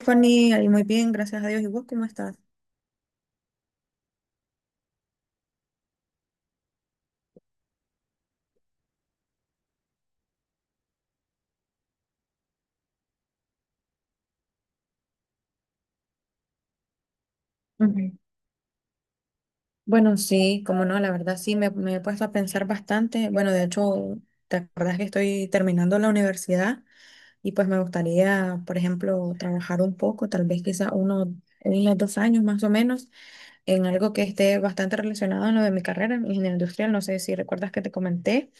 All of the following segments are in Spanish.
Fanny, ahí muy bien, gracias a Dios. ¿Y vos cómo estás? Ujú. Bueno, sí, como no, la verdad sí, me he puesto a pensar bastante. Bueno, de hecho, te acordás que estoy terminando la universidad y pues me gustaría, por ejemplo, trabajar un poco, tal vez quizá uno, unos dos años más o menos, en algo que esté bastante relacionado a lo de mi carrera, en ingeniería industrial. No sé si recuerdas que te comenté.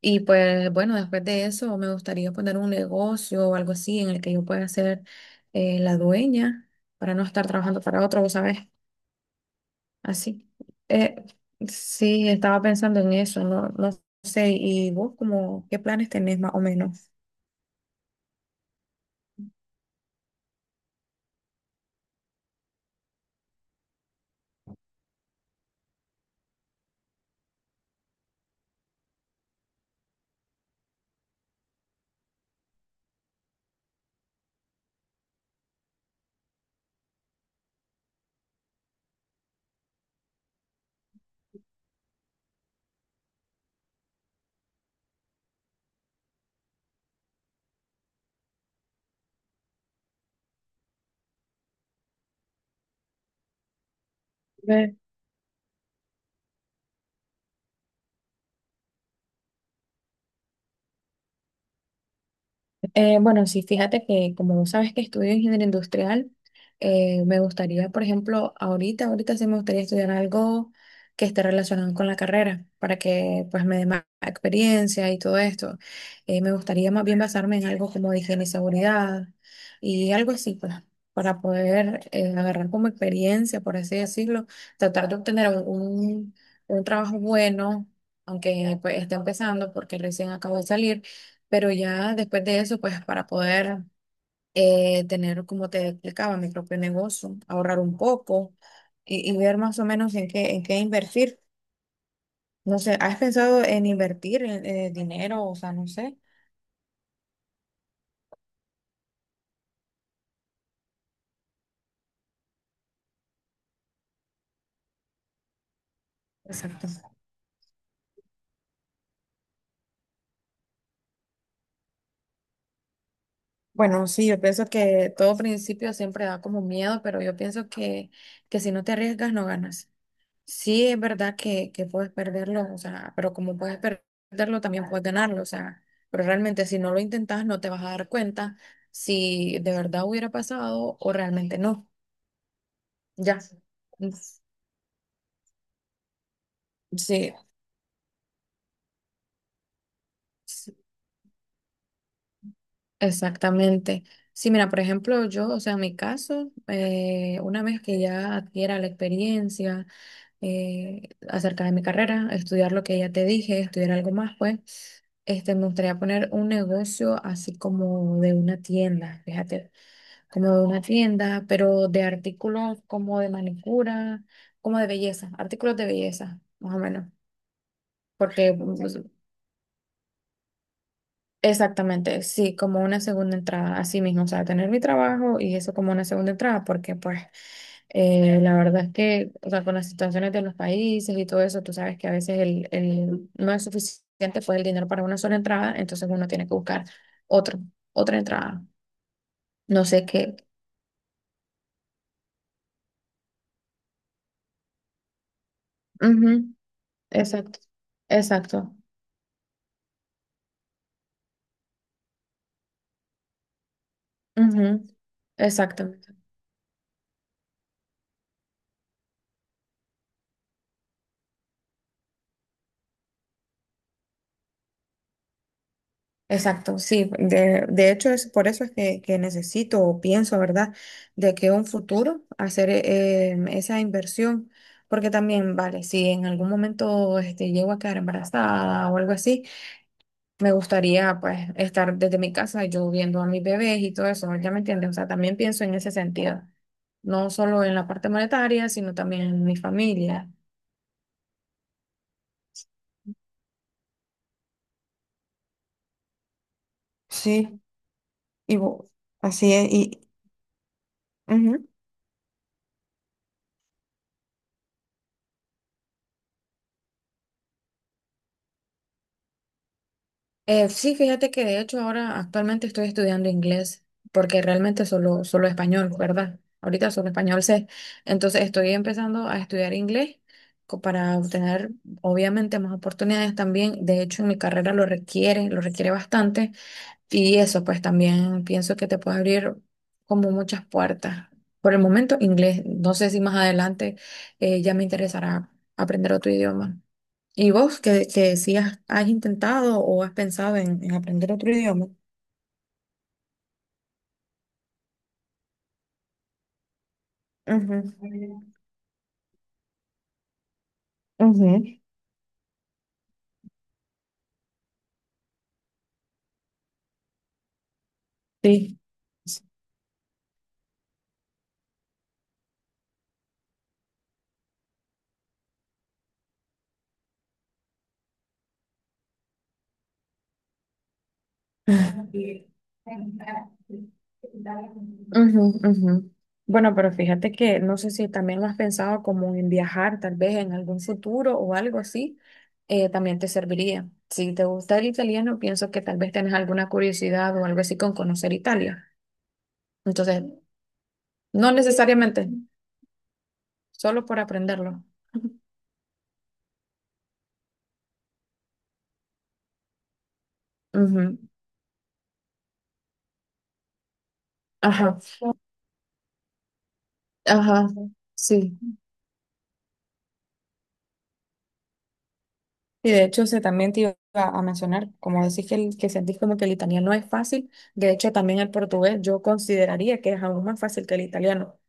Y pues bueno, después de eso me gustaría poner un negocio o algo así en el que yo pueda ser la dueña para no estar trabajando para otro, vos ¿sabes? Así. Eh, sí, estaba pensando en eso, no sé. ¿Y vos como qué planes tenés más o menos? Bueno, sí, fíjate que como vos sabes que estudio ingeniería industrial, me gustaría, por ejemplo, ahorita sí me gustaría estudiar algo que esté relacionado con la carrera, para que pues me dé más experiencia y todo esto. Me gustaría más bien basarme en algo como de higiene y seguridad y algo así, pues, para poder agarrar como experiencia, por así decirlo, tratar de obtener un trabajo bueno, aunque pues esté empezando porque recién acabo de salir, pero ya después de eso, pues para poder tener, como te explicaba, mi propio negocio, ahorrar un poco y ver más o menos en en qué invertir. No sé, ¿has pensado en invertir dinero? O sea, no sé. Exacto. Bueno, sí, yo pienso que todo principio siempre da como miedo, pero yo pienso que si no te arriesgas, no ganas. Sí, es verdad que puedes perderlo, o sea, pero como puedes perderlo, también puedes ganarlo, o sea, pero realmente si no lo intentas, no te vas a dar cuenta si de verdad hubiera pasado o realmente no. Ya. Es- Sí, sí, exactamente. Sí, mira, por ejemplo, yo, o sea, en mi caso, una vez que ya adquiera la experiencia, acerca de mi carrera, estudiar lo que ya te dije, estudiar algo más, pues. Este, me gustaría poner un negocio así como de una tienda, fíjate, como de una tienda, pero de artículos como de manicura, como de belleza, artículos de belleza, más o menos, porque pues, exactamente, sí, como una segunda entrada, así mismo, o sea, tener mi trabajo y eso como una segunda entrada, porque pues la verdad es que, o sea, con las situaciones de los países y todo eso, tú sabes que a veces el- no es suficiente pues el dinero para una sola entrada, entonces uno tiene que buscar otro, otra entrada. No sé qué. Ujú. Exacto, exacto. Ujú. Exactamente. Exacto, sí. De hecho, es por eso es que necesito o pienso, ¿verdad? De que un futuro hacer esa inversión. Porque también, vale, si en algún momento este, llego a quedar embarazada o algo así, me gustaría pues estar desde mi casa yo viendo a mis bebés y todo eso, ¿ya me entiendes? O sea, también pienso en ese sentido, no solo en la parte monetaria, sino también en mi familia. Sí, y vo- así es. Y, ujú. Sí, fíjate que de hecho ahora actualmente estoy estudiando inglés, porque realmente solo español, ¿verdad? Ahorita solo español sé. Entonces estoy empezando a estudiar inglés co- para obtener obviamente más oportunidades también. De hecho, en mi carrera lo requiere bastante. Y eso, pues también pienso que te puede abrir como muchas puertas. Por el momento, inglés. No sé si más adelante ya me interesará aprender otro idioma. ¿Y vos, que si has, has intentado o has pensado en aprender otro idioma? Ujú, ujú. Sí. Ujú, ujú. Bueno, pero fíjate que no sé si también lo has pensado como en viajar, tal vez en algún futuro o algo así, también te serviría. Si te gusta el italiano, pienso que tal vez tenés alguna curiosidad o algo así con conocer Italia. Entonces, no necesariamente, solo por aprenderlo. Ujú. Ajá, ajá, sí. Y de hecho, se también te iba a mencionar, como decís que, el- que sentís como que el italiano es fácil, de hecho también el portugués yo consideraría que es aún más fácil que el italiano.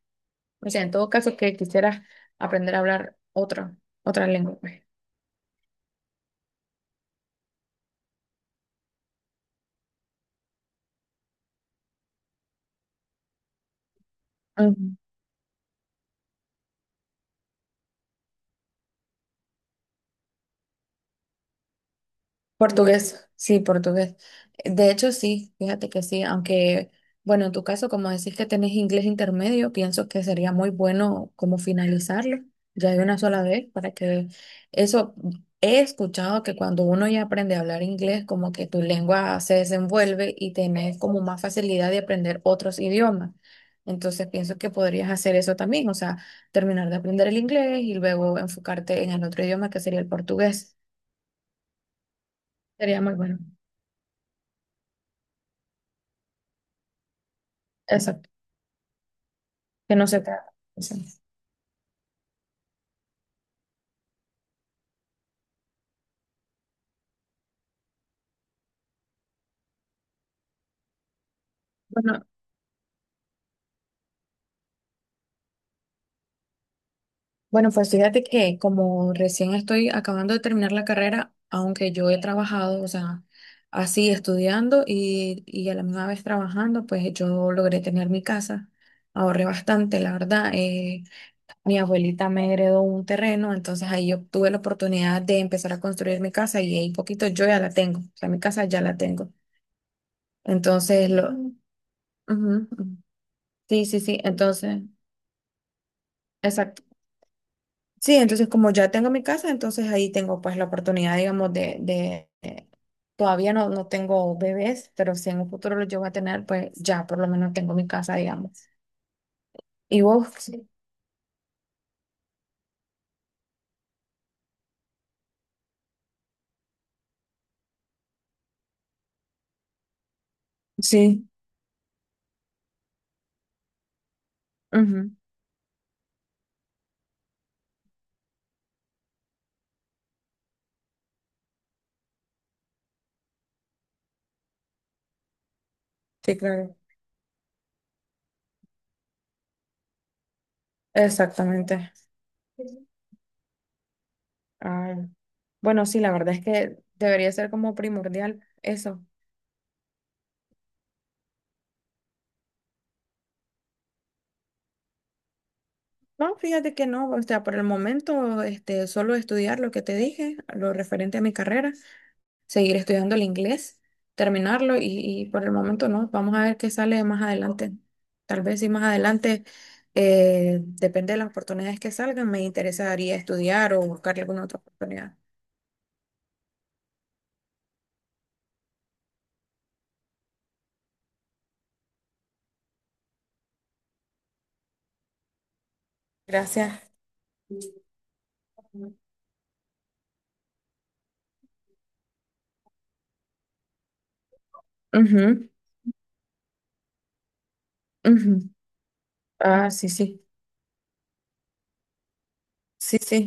O sea, en todo caso que quisieras aprender a hablar otra, otra lengua, pues. Portugués, sí, portugués. De hecho, sí, fíjate que sí, aunque, bueno, en tu caso, como decís que tenés inglés intermedio, pienso que sería muy bueno como finalizarlo ya de una sola vez para que eso, he escuchado que cuando uno ya aprende a hablar inglés, como que tu lengua se desenvuelve y tenés como más facilidad de aprender otros idiomas. Entonces, pienso que podrías hacer eso también, o sea, terminar de aprender el inglés y luego enfocarte en el otro idioma que sería el portugués. Sería muy bueno. Exacto. Que no se trata. Eso. Bueno, bueno, pues fíjate que como recién estoy acabando de terminar la carrera, aunque yo he trabajado, o sea, así estudiando y a la misma vez trabajando, pues yo logré tener mi casa. Ahorré bastante, la verdad. Mi abuelita me heredó un terreno, entonces ahí yo tuve la oportunidad de empezar a construir mi casa y ahí poquito yo ya la tengo. O sea, mi casa ya la tengo. Entonces, lo... Ujú, ujú. Sí, sí, sí. Entonces, exacto. Sí, entonces como ya tengo mi casa, entonces ahí tengo pues la oportunidad, digamos, de- todavía no, no tengo bebés, pero si en un futuro los llego a tener, pues ya por lo menos tengo mi casa, digamos. ¿Y vos? Sí. Sí, ujú, sí, claro. Exactamente. Ay. Bueno, sí, la verdad es que debería ser como primordial eso. No, fíjate que no, o sea, por el momento, este, solo estudiar lo que te dije, lo referente a mi carrera. Seguir estudiando el inglés, terminarlo y por el momento no. Vamos a ver qué sale más adelante. Tal vez si más adelante, depende de las oportunidades que salgan, me interesaría estudiar o buscar alguna otra oportunidad. Gracias. Ujú, ujú. Ah, sí, sí, sí, sí.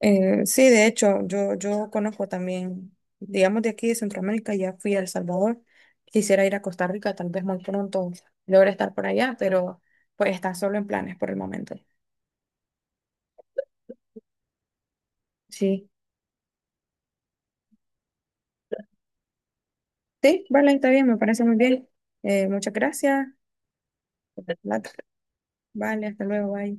Sí, de hecho, yo conozco también, digamos, de aquí de Centroamérica, ya fui a El Salvador. Quisiera ir a Costa Rica, tal vez muy pronto logre estar por allá, pero pues está solo en planes por el momento. Sí. Sí, vale, está bien, me parece muy bien. Muchas gracias por la plata. Vale, hasta luego, bye.